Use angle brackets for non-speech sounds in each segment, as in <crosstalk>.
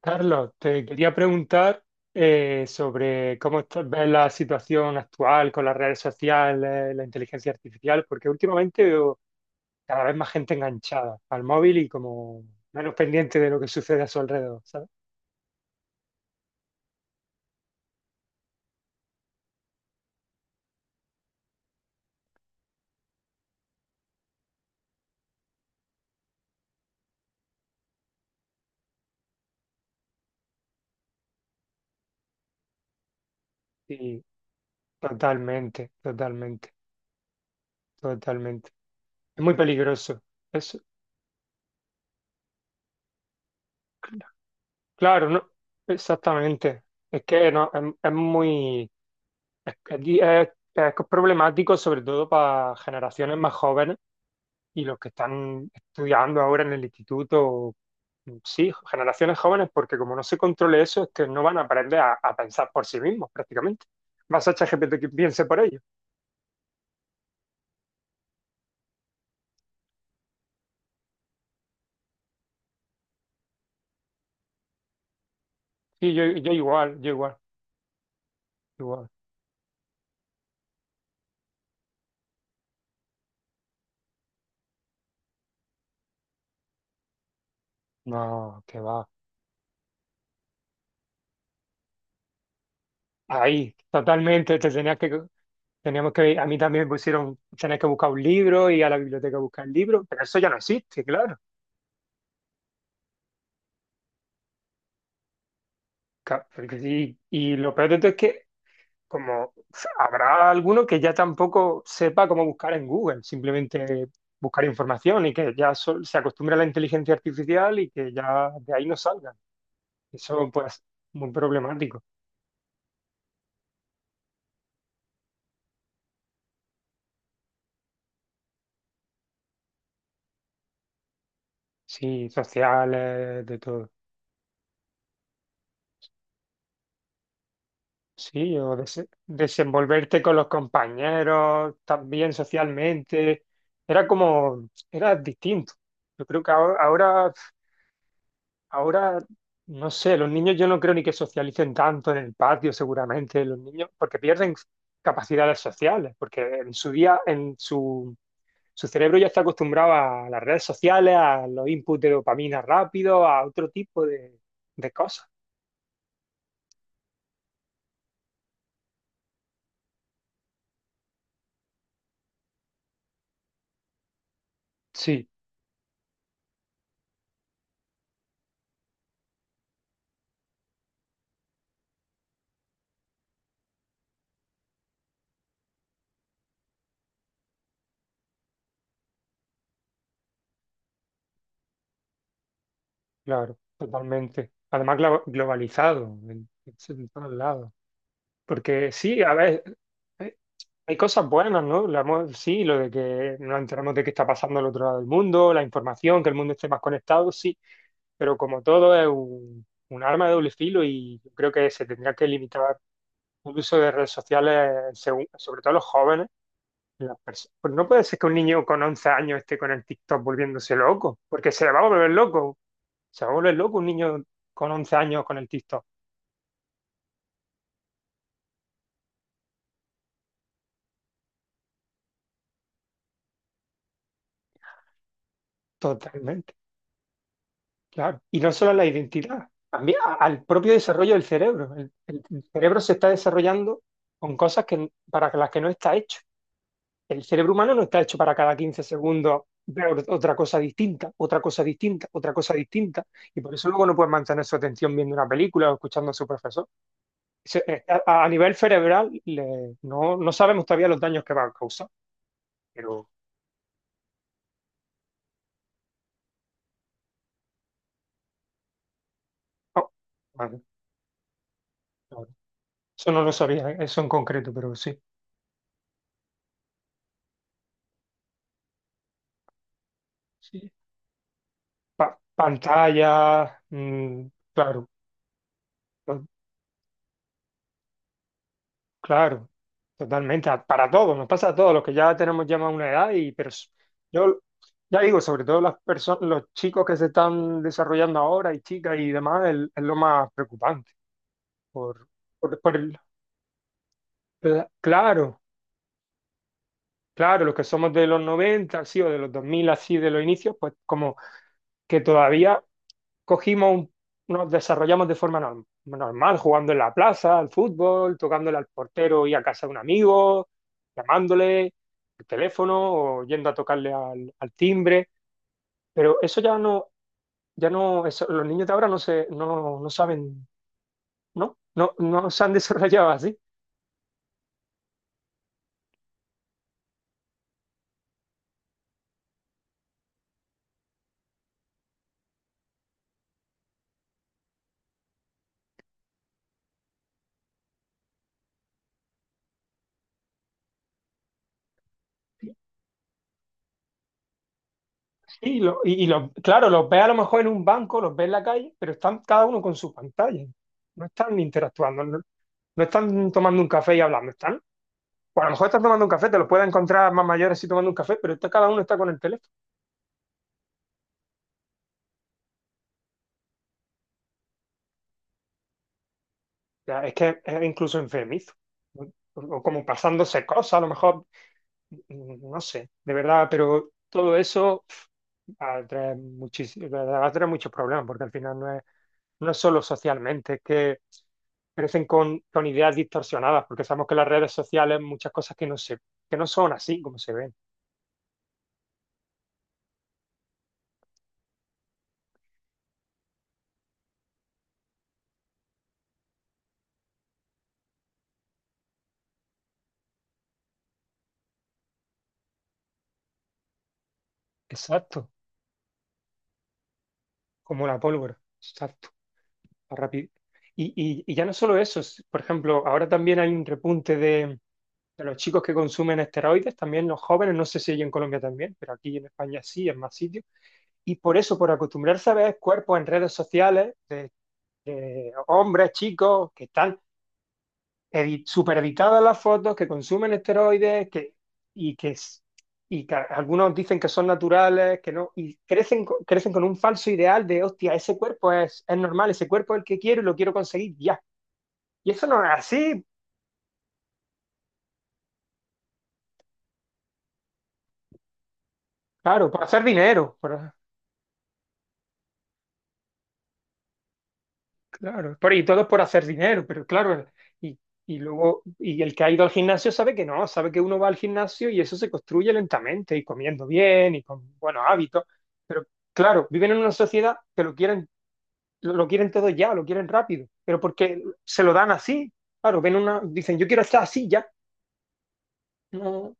Carlos, te quería preguntar sobre cómo ves la situación actual con las redes sociales, la inteligencia artificial, porque últimamente veo cada vez más gente enganchada al móvil y como menos pendiente de lo que sucede a su alrededor, ¿sabes? Y totalmente, totalmente, totalmente. Es muy peligroso. Eso, claro, no, exactamente. Es que no, es muy, es, es- es problemático sobre todo para generaciones más jóvenes y los que están estudiando ahora en el instituto, sí, generaciones jóvenes, porque como no se controle eso, es que no van a aprender a pensar por sí mismos prácticamente. Vas a ChatGPT que piense por ellos. Y yo igual, yo igual, igual. No, que va. Ahí, totalmente, te tenías que, teníamos que, a mí también me pusieron, tenías que buscar un libro y a la biblioteca buscar el libro, pero eso ya no existe, claro. Porque sí. Y lo peor de todo es que como habrá alguno que ya tampoco sepa cómo buscar en Google, simplemente buscar información y que ya se acostumbre a la inteligencia artificial y que ya de ahí no salgan. Eso pues muy problemático. Sí, sociales, de todo. Sí, o desenvolverte con los compañeros, también socialmente. Era como, era distinto. Yo creo que ahora, Ahora, no sé, los niños yo no creo ni que socialicen tanto en el patio, seguramente, los niños, porque pierden capacidades sociales, porque en su día, su cerebro ya está acostumbrado a las redes sociales, a los inputs de dopamina rápido, a otro tipo de cosas. Sí, claro, totalmente. Además, globalizado en todos lados. Porque sí, a ver, eh, hay cosas buenas, ¿no? Sí, lo de que nos enteramos de qué está pasando al otro lado del mundo, la información, que el mundo esté más conectado, sí, pero como todo es un arma de doble filo y yo creo que se tendría que limitar el uso de redes sociales, sobre todo los jóvenes. Pues no puede ser que un niño con 11 años esté con el TikTok volviéndose loco, porque se va a volver loco, se va a volver loco un niño con 11 años con el TikTok, totalmente. Claro. Y no solo a la identidad, también al propio desarrollo del cerebro. El cerebro se está desarrollando con cosas que, para las que no está hecho. El cerebro humano no está hecho para cada 15 segundos ver otra cosa distinta, otra cosa distinta, otra cosa distinta. Y por eso luego no puedes mantener su atención viendo una película o escuchando a su profesor. A nivel cerebral no, no sabemos todavía los daños que va a causar, pero oh, vale, vale. Eso no lo sabía, eso en concreto, pero sí. Pantallas. Claro, to- claro, totalmente, para todos, nos pasa a todos los que ya tenemos ya más una edad y pero yo ya digo, sobre todo las personas, los chicos que se están desarrollando ahora y chicas y demás, es, lo más preocupante por, por claro, claro, los que somos de los 90 así, o de los 2000 así, de los inicios, pues como que todavía cogimos un- nos desarrollamos de forma normal, jugando en la plaza, al fútbol, tocándole al portero y a casa de un amigo, llamándole al teléfono o yendo a tocarle al, al timbre. Pero eso ya no, ya no, los niños de ahora no se, no, no saben, ¿no? No, no se han <laughs> desarrollado así. Claro, los ves a lo mejor en un banco, los ves en la calle, pero están cada uno con su pantalla. No están interactuando, no, no están tomando un café y hablando, están. Pues a lo mejor estás tomando un café, te los puedes encontrar más mayores si tomando un café, pero cada uno está con el teléfono. O sea, es que es incluso enfermizo. ¿No? O como pasándose cosas, a lo mejor, no sé, de verdad, pero todo eso pf, atrae muchísimo, atrae muchos problemas, porque al final no es, no es solo socialmente, es que crecen con ideas distorsionadas, porque sabemos que las redes sociales muchas cosas que no se, que no son así como se ven. Exacto, como la pólvora. Exacto. A y ya no solo eso, por ejemplo, ahora también hay un repunte de los chicos que consumen esteroides, también los jóvenes, no sé si hay en Colombia también, pero aquí en España sí, en más sitios. Y por eso, por acostumbrarse a ver cuerpos en redes sociales de hombres, chicos, que están supereditadas las fotos, que consumen esteroides que, y que, y que algunos dicen que son naturales, que no, y crecen, crecen con un falso ideal de, hostia, ese cuerpo es normal, ese cuerpo es el que quiero y lo quiero conseguir ya. Y eso no es así, claro, por hacer dinero, claro, por, y todo es por hacer dinero, pero claro, y, y luego, y el que ha ido al gimnasio sabe que no, sabe que uno va al gimnasio y eso se construye lentamente y comiendo bien y con buenos hábitos, pero claro, viven en una sociedad que lo quieren lo quieren todo ya, lo quieren rápido, pero porque se lo dan así. Claro, ven una, dicen, yo quiero estar así ya. No,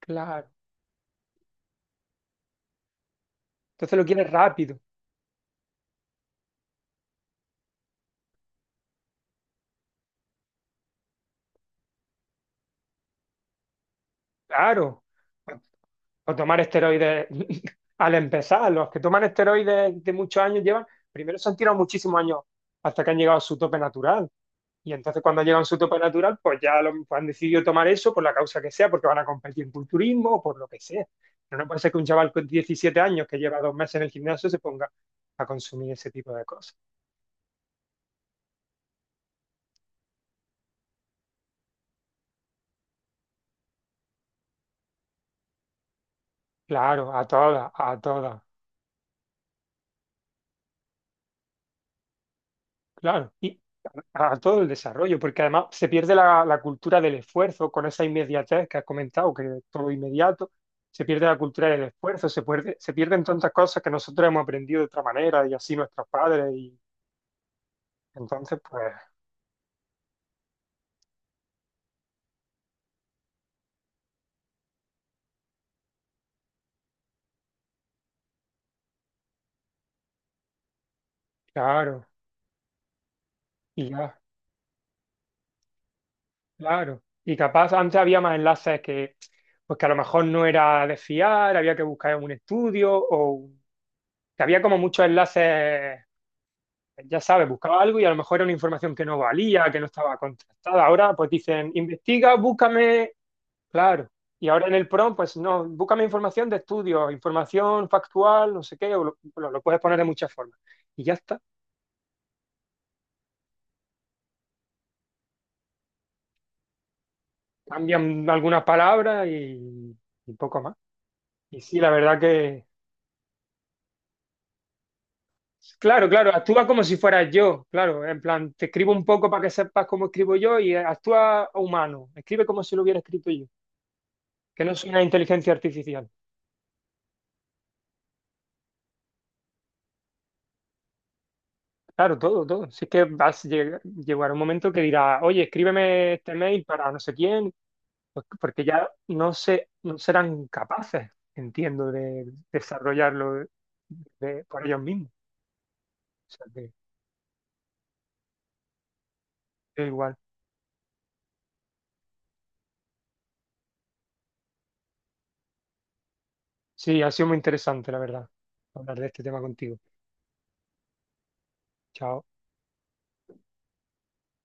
claro. Entonces lo quieren rápido. Claro. O tomar esteroides <laughs> al empezar. Los que toman esteroides de muchos años llevan, primero se han tirado muchísimos años hasta que han llegado a su tope natural. Y entonces cuando llegan a su tope natural, pues ya lo, pues han decidido tomar eso por la causa que sea, porque van a competir en culturismo o por lo que sea. Pero no puede ser que un chaval con 17 años que lleva 2 meses en el gimnasio se ponga a consumir ese tipo de cosas. Claro, a todas, a todas. Claro, y a todo el desarrollo, porque además se pierde la, la cultura del esfuerzo con esa inmediatez que has comentado, que todo inmediato, se pierde la cultura del esfuerzo, se pierde, se pierden tantas cosas que nosotros hemos aprendido de otra manera y así nuestros padres, y entonces, pues, claro, y ya, claro. Y capaz antes había más enlaces que, pues que a lo mejor no era de fiar, había que buscar un estudio o un que había como muchos enlaces, ya sabes, buscaba algo y a lo mejor era una información que no valía, que no estaba contrastada. Ahora pues dicen, investiga, búscame, claro. Y ahora en el PROM, pues no, búscame información de estudios, información factual, no sé qué, o lo, lo puedes poner de muchas formas. Y ya está. Cambian algunas palabras y poco más. Y sí, la verdad que, claro, claro, actúa como si fueras yo, claro, en plan, te escribo un poco para que sepas cómo escribo yo y actúa humano, escribe como si lo hubiera escrito yo, que no soy una inteligencia artificial. Claro, todo, todo. Si es que vas a llegar, llegará un momento que dirá, oye, escríbeme este mail para no sé quién, pues, porque ya no sé, no serán capaces, entiendo, de desarrollarlo por ellos mismos. O sea, que da igual. Sí, ha sido muy interesante, la verdad, hablar de este tema contigo. Chao.